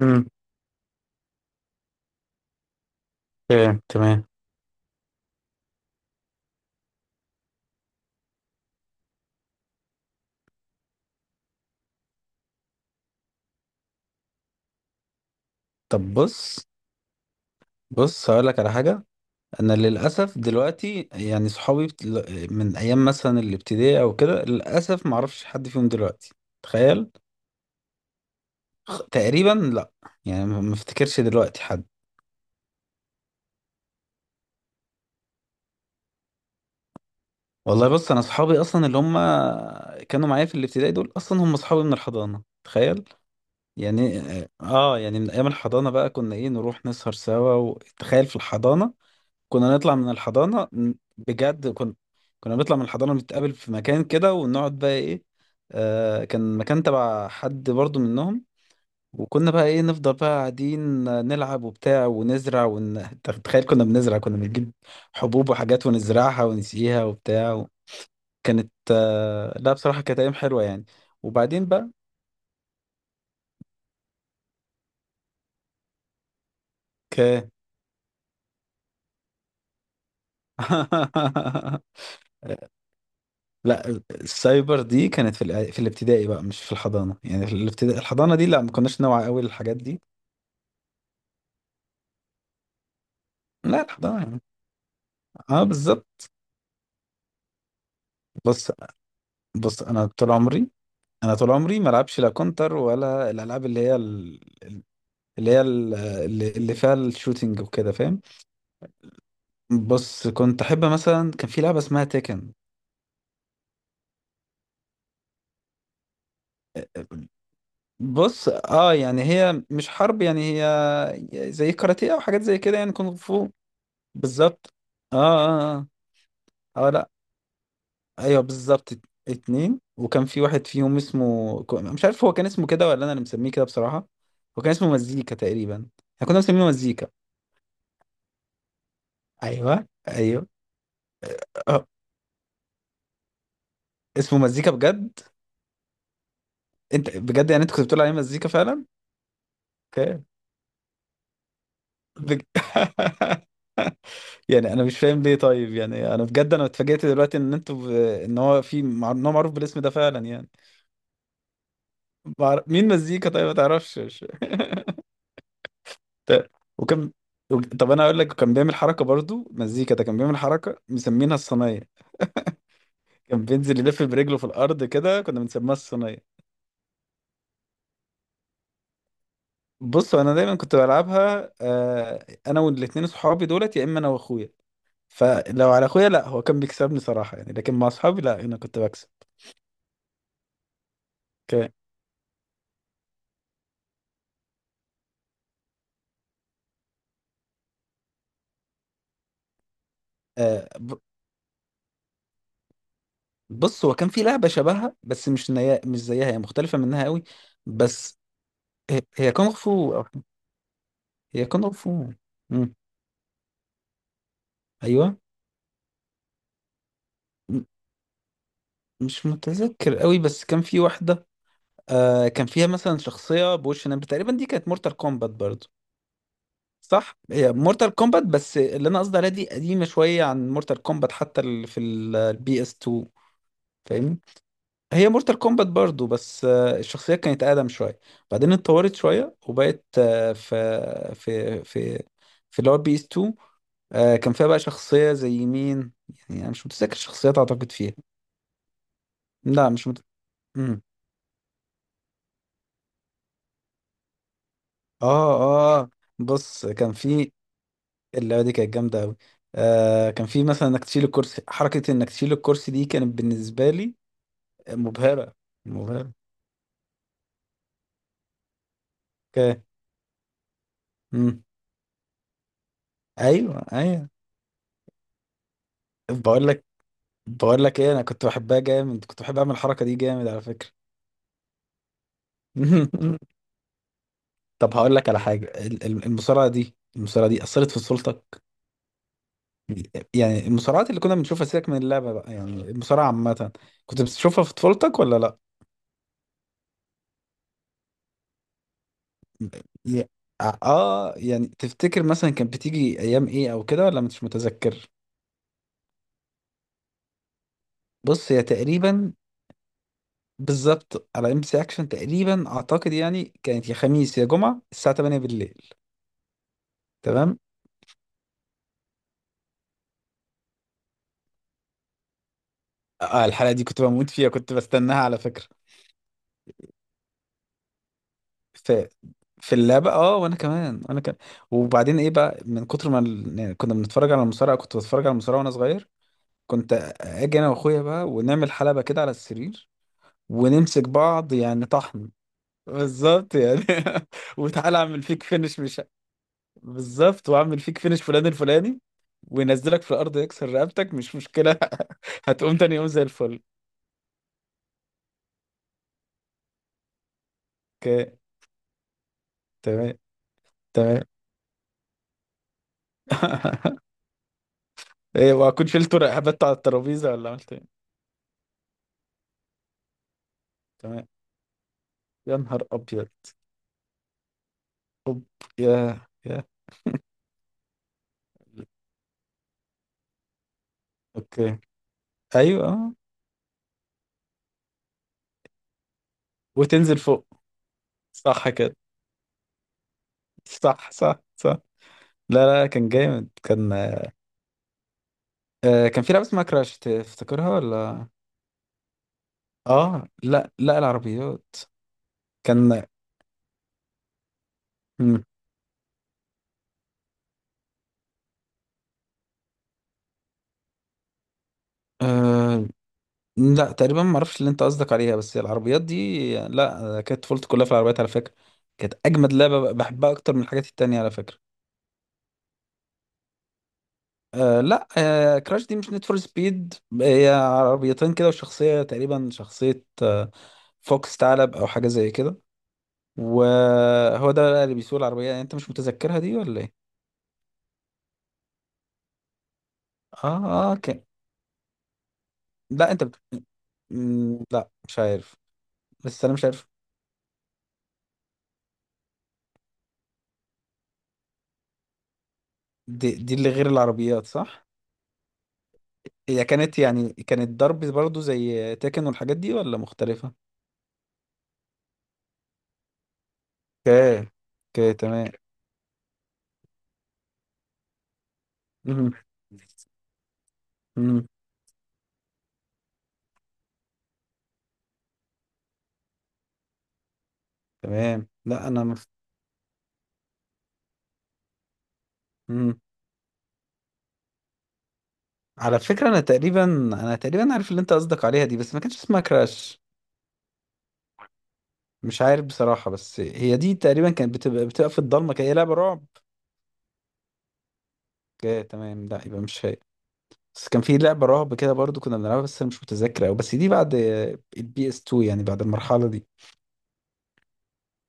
امم اوكي تمام. طب بص. هقول لك على حاجة. أنا للأسف دلوقتي يعني صحابي من أيام مثلا الابتدائي أو كده للأسف معرفش حد فيهم دلوقتي. تخيل. تقريبا لأ. يعني ما افتكرش دلوقتي حد. والله بص، أنا صحابي أصلا اللي هم كانوا معايا في الابتدائي دول أصلا هم صحابي من الحضانة، تخيل. يعني يعني من أيام الحضانة بقى كنا إيه، نروح نسهر سوا، وتخيل في الحضانة كنا نطلع من الحضانة بجد. كنا، كنا بنطلع من الحضانة نتقابل في مكان كده، ونقعد بقى ايه. آه كان مكان تبع حد برضو منهم. وكنا بقى ايه نفضل بقى قاعدين نلعب وبتاع ونزرع تخيل كنا بنزرع، كنا بنجيب حبوب وحاجات ونزرعها ونسقيها وبتاع. كانت آه لا بصراحة كانت أيام حلوة يعني. وبعدين بقى ك لا، السايبر دي كانت في في الابتدائي بقى، مش في الحضانه. يعني في الابتدائي، الحضانه دي لا ما كناش نوعي قوي للحاجات دي. لا الحضانه يعني. اه بالظبط. بص. انا طول عمري، انا طول عمري ما العبش لا كونتر ولا الالعاب اللي هي ال- اللي هي ال- اللي اللي فيها الشوتينج وكده، فاهم. بص كنت احب مثلا كان في لعبه اسمها تيكن. بص اه يعني هي مش حرب، يعني هي زي كاراتيه او حاجات زي كده، يعني كونغ فو. بالظبط. اه اه اه, لا ايوه بالظبط. اتنين. وكان في واحد فيهم اسمه مش عارف هو كان اسمه كده ولا انا اللي مسميه كده بصراحه. هو كان اسمه مزيكا تقريبا. احنا كنا مسمينه مزيكا. ايوه ايوه اه. اسمه مزيكا بجد. انت بجد يعني انت كنت بتقول عليه مزيكا فعلا؟ اوكي. بج... يعني انا مش فاهم ليه طيب. يعني انا بجد انا اتفاجئت دلوقتي ان انتوا ب... ان هو في مع... ان هو معروف بالاسم ده فعلا يعني. مين مزيكا؟ طيب ما تعرفش. ت- وكان طب انا اقول لك كان بيعمل حركه برضو، مزيكا ده كان بيعمل حركه مسمينها الصينيه. كان بينزل يلف برجله في الارض كده، كنا بنسميها الصينيه. بصوا، انا دايما كنت بلعبها انا والاثنين صحابي دولت يا اما انا واخويا. فلو على اخويا لا هو كان بيكسبني صراحه يعني، لكن مع اصحابي لا انا كنت بكسب. كان آه، ب- بص هو كان في لعبه شبهها بس مش نيا مش زيها، هي مختلفه منها قوي. بس. هي كونغ فو. هي كونغ فو. مم. ايوه مش متذكر قوي بس كان في واحدة. آه كان فيها مثلا شخصية بوش نمر تقريبا، دي كانت مورتال كومبات برضو. صح هي مورتال كومبات، بس اللي انا قصدي عليها دي قديمة شوية عن مورتال كومبات، حتى في البي اس 2، فاهمني. هي مورتال كومبات برضو بس آه الشخصية كانت اقدم شوية، بعدين اتطورت شوية وبقت آه في اللي هو بي اس 2. آه كان فيها بقى شخصية زي مين، يعني انا مش متذكر الشخصيات، اعتقد فيها. لا مش مت... مم. اه اه بص كان في، اللعبه دي كانت جامده قوي. آه كان في مثلا انك تشيل الكرسي، حركه انك تشيل الكرسي دي كانت بالنسبه لي مبهره. مبهره. اوكي امم ايوه ايوه. بقول لك، ايه انا كنت بحبها جامد، كنت بحب اعمل الحركه دي جامد على فكره. طب هقول لك على حاجه، المصارعه دي، المصارعه دي اثرت في سلطك؟ يعني المصارعات اللي كنا بنشوفها، سيبك من اللعبه بقى، يعني المصارعه عامه كنت بتشوفها في طفولتك ولا لا؟ ي- يعني تفتكر مثلا كانت بتيجي ايام ايه او كده ولا مش متذكر؟ بص هي تقريبا بالظبط على ام بي سي اكشن تقريبا، اعتقد يعني كانت يا خميس يا جمعه الساعه 8 بالليل. تمام اه الحلقه دي كنت بموت فيها، كنت بستناها على فكره. في، اللعبه اه وانا كمان وانا كمان. وبعدين ايه بقى من كتر ما يعني كنا بنتفرج على المصارعه، كنت بتفرج على المصارعه وانا صغير. كنت اجي انا واخويا بقى ونعمل حلبه كده على السرير ونمسك بعض يعني طحن. بالظبط يعني. وتعالى اعمل فيك فينش مش، بالظبط واعمل فيك فينش فلان الفلاني وينزلك في الارض يكسر رقبتك مش مشكله. هتقوم تاني يوم زي الفل. اوكي تمام. تمام. ايه واكون شلت رقبته على الترابيزه ولا عملت ايه؟ تمام. يا نهار ابيض. اوب. يا يا. اوكي ايوه آه. وتنزل فوق. صح كده. صح صح صح. لا لا كان جامد كان. آه كان في لعبه اسمها كراش، تفتكرها ولا؟ اه لا لا العربيات. كان. مم. آه لا تقريبا ما اعرفش اللي انت قصدك عليها، بس العربيات دي لا كانت طفولتي كلها في العربيات على فكره. كانت اجمد لعبه بحبها اكتر من الحاجات التانية على فكره. آه لا آه كراش دي مش نيد فور سبيد. هي عربيتين كده وشخصيه تقريبا، شخصيه آه فوكس، ثعلب او حاجه زي كده. وهو ده بقى اللي بيسوق العربيه. يعني انت مش متذكرها دي ولا ايه؟ اه اه كان. لا انت بت... مم، لا مش عارف. بس انا مش عارف. دي، دي اللي غير العربيات صح؟ هي كانت يعني كانت ضرب برضو زي تاكن والحاجات دي ولا مختلفة؟ اوكي. اوكي تمام. مم. مم. تمام. لا انا مف... مم. على فكرة انا تقريبا، عارف اللي انت قصدك عليها دي، بس ما كانش اسمها كراش. مش عارف بصراحة، بس هي دي تقريبا كانت بتبقى في الضلمة كده، هي لعبة رعب. اوكي تمام، لا يبقى مش هي. بس كان في لعبة رعب كده برضو كنا بنلعبها، بس انا مش متذكر أوي، بس دي بعد البي اس 2 يعني بعد المرحلة دي.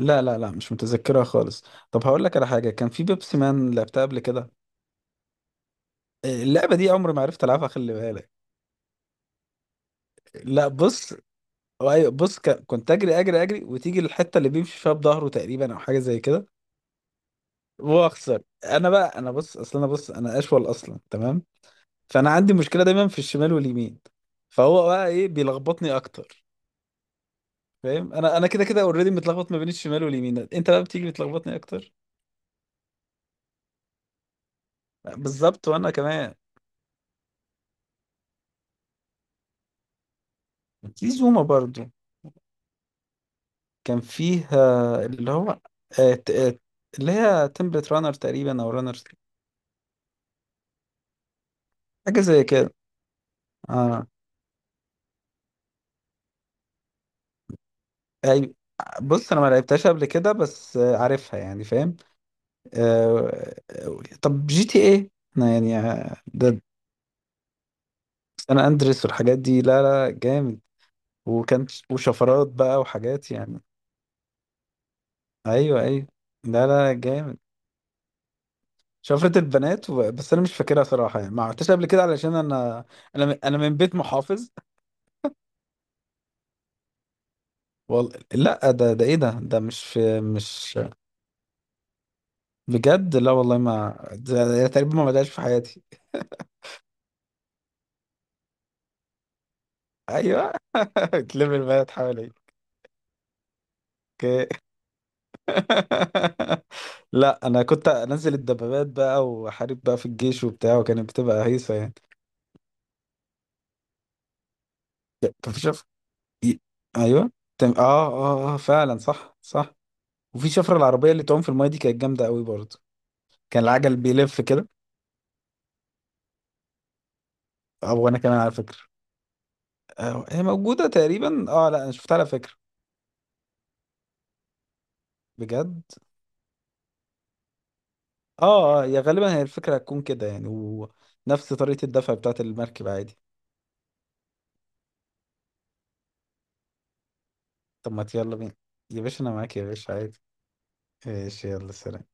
لا لا لا مش متذكرها خالص. طب هقول لك على حاجة، كان في بيبسي مان لعبتها قبل كده؟ آه، اللعبة دي عمري ما عرفت ألعبها، خلي بالك. لا بص. أيوة بص كنت أجري أجري أجري، وتيجي الحتة اللي بيمشي فيها بظهره تقريبا أو حاجة زي كده. وأخسر أنا بقى. أنا بص أصل، أنا بص أنا أشول أصلا. تمام. فأنا عندي مشكلة دايما في الشمال واليمين، فهو بقى إيه بيلخبطني أكتر. فاهم؟ أنا كده كده أوريدي متلخبط ما بين الشمال واليمين، أنت بقى بتيجي بتلخبطني أكتر. بالظبط وأنا كمان. في زومة برضه. كان فيه اللي هو آه، ت- آه، اللي هي تمبلت رانر تقريبا، او رانر، حاجه زي كده. اه أي. بص انا ما لعبتهاش قبل كده بس عارفها، يعني فاهم. آه، طب جي تي ايه. انا يعني ده، سان اندريس والحاجات دي لا لا جامد. وكان، وشفرات بقى وحاجات يعني. ايوه ايوه لا لا جامد. شفرة البنات و... بس انا مش فاكرها صراحه يعني، ما عملتهاش قبل كده علشان انا، انا من بيت محافظ. وال... لا ده ده ايه، ده مش في مش. بجد لا والله، ما ده ده تقريبا ما بدأش في حياتي. ايوه. تلم البنات حواليك. اوكي. لا انا كنت انزل الدبابات بقى واحارب بقى في الجيش وبتاع، وكانت بتبقى هيصه يعني. كان في شفر ي- ايوه. تم... اه اه اه فعلا صح صح. وفي شفره العربيه اللي تعوم في المايه دي كانت جامده قوي برضه. كان العجل بيلف كده. او انا كمان على فكره. آه، هي موجوده تقريبا، اه لا انا شفتها على فكره. بجد. اه اه، يا غالبا هي الفكرة هتكون كده يعني، ونفس طريقة الدفع بتاعة المركب عادي. طب ما يلا بينا. يا باشا انا معاك يا باشا عادي. ايش يلا سلام.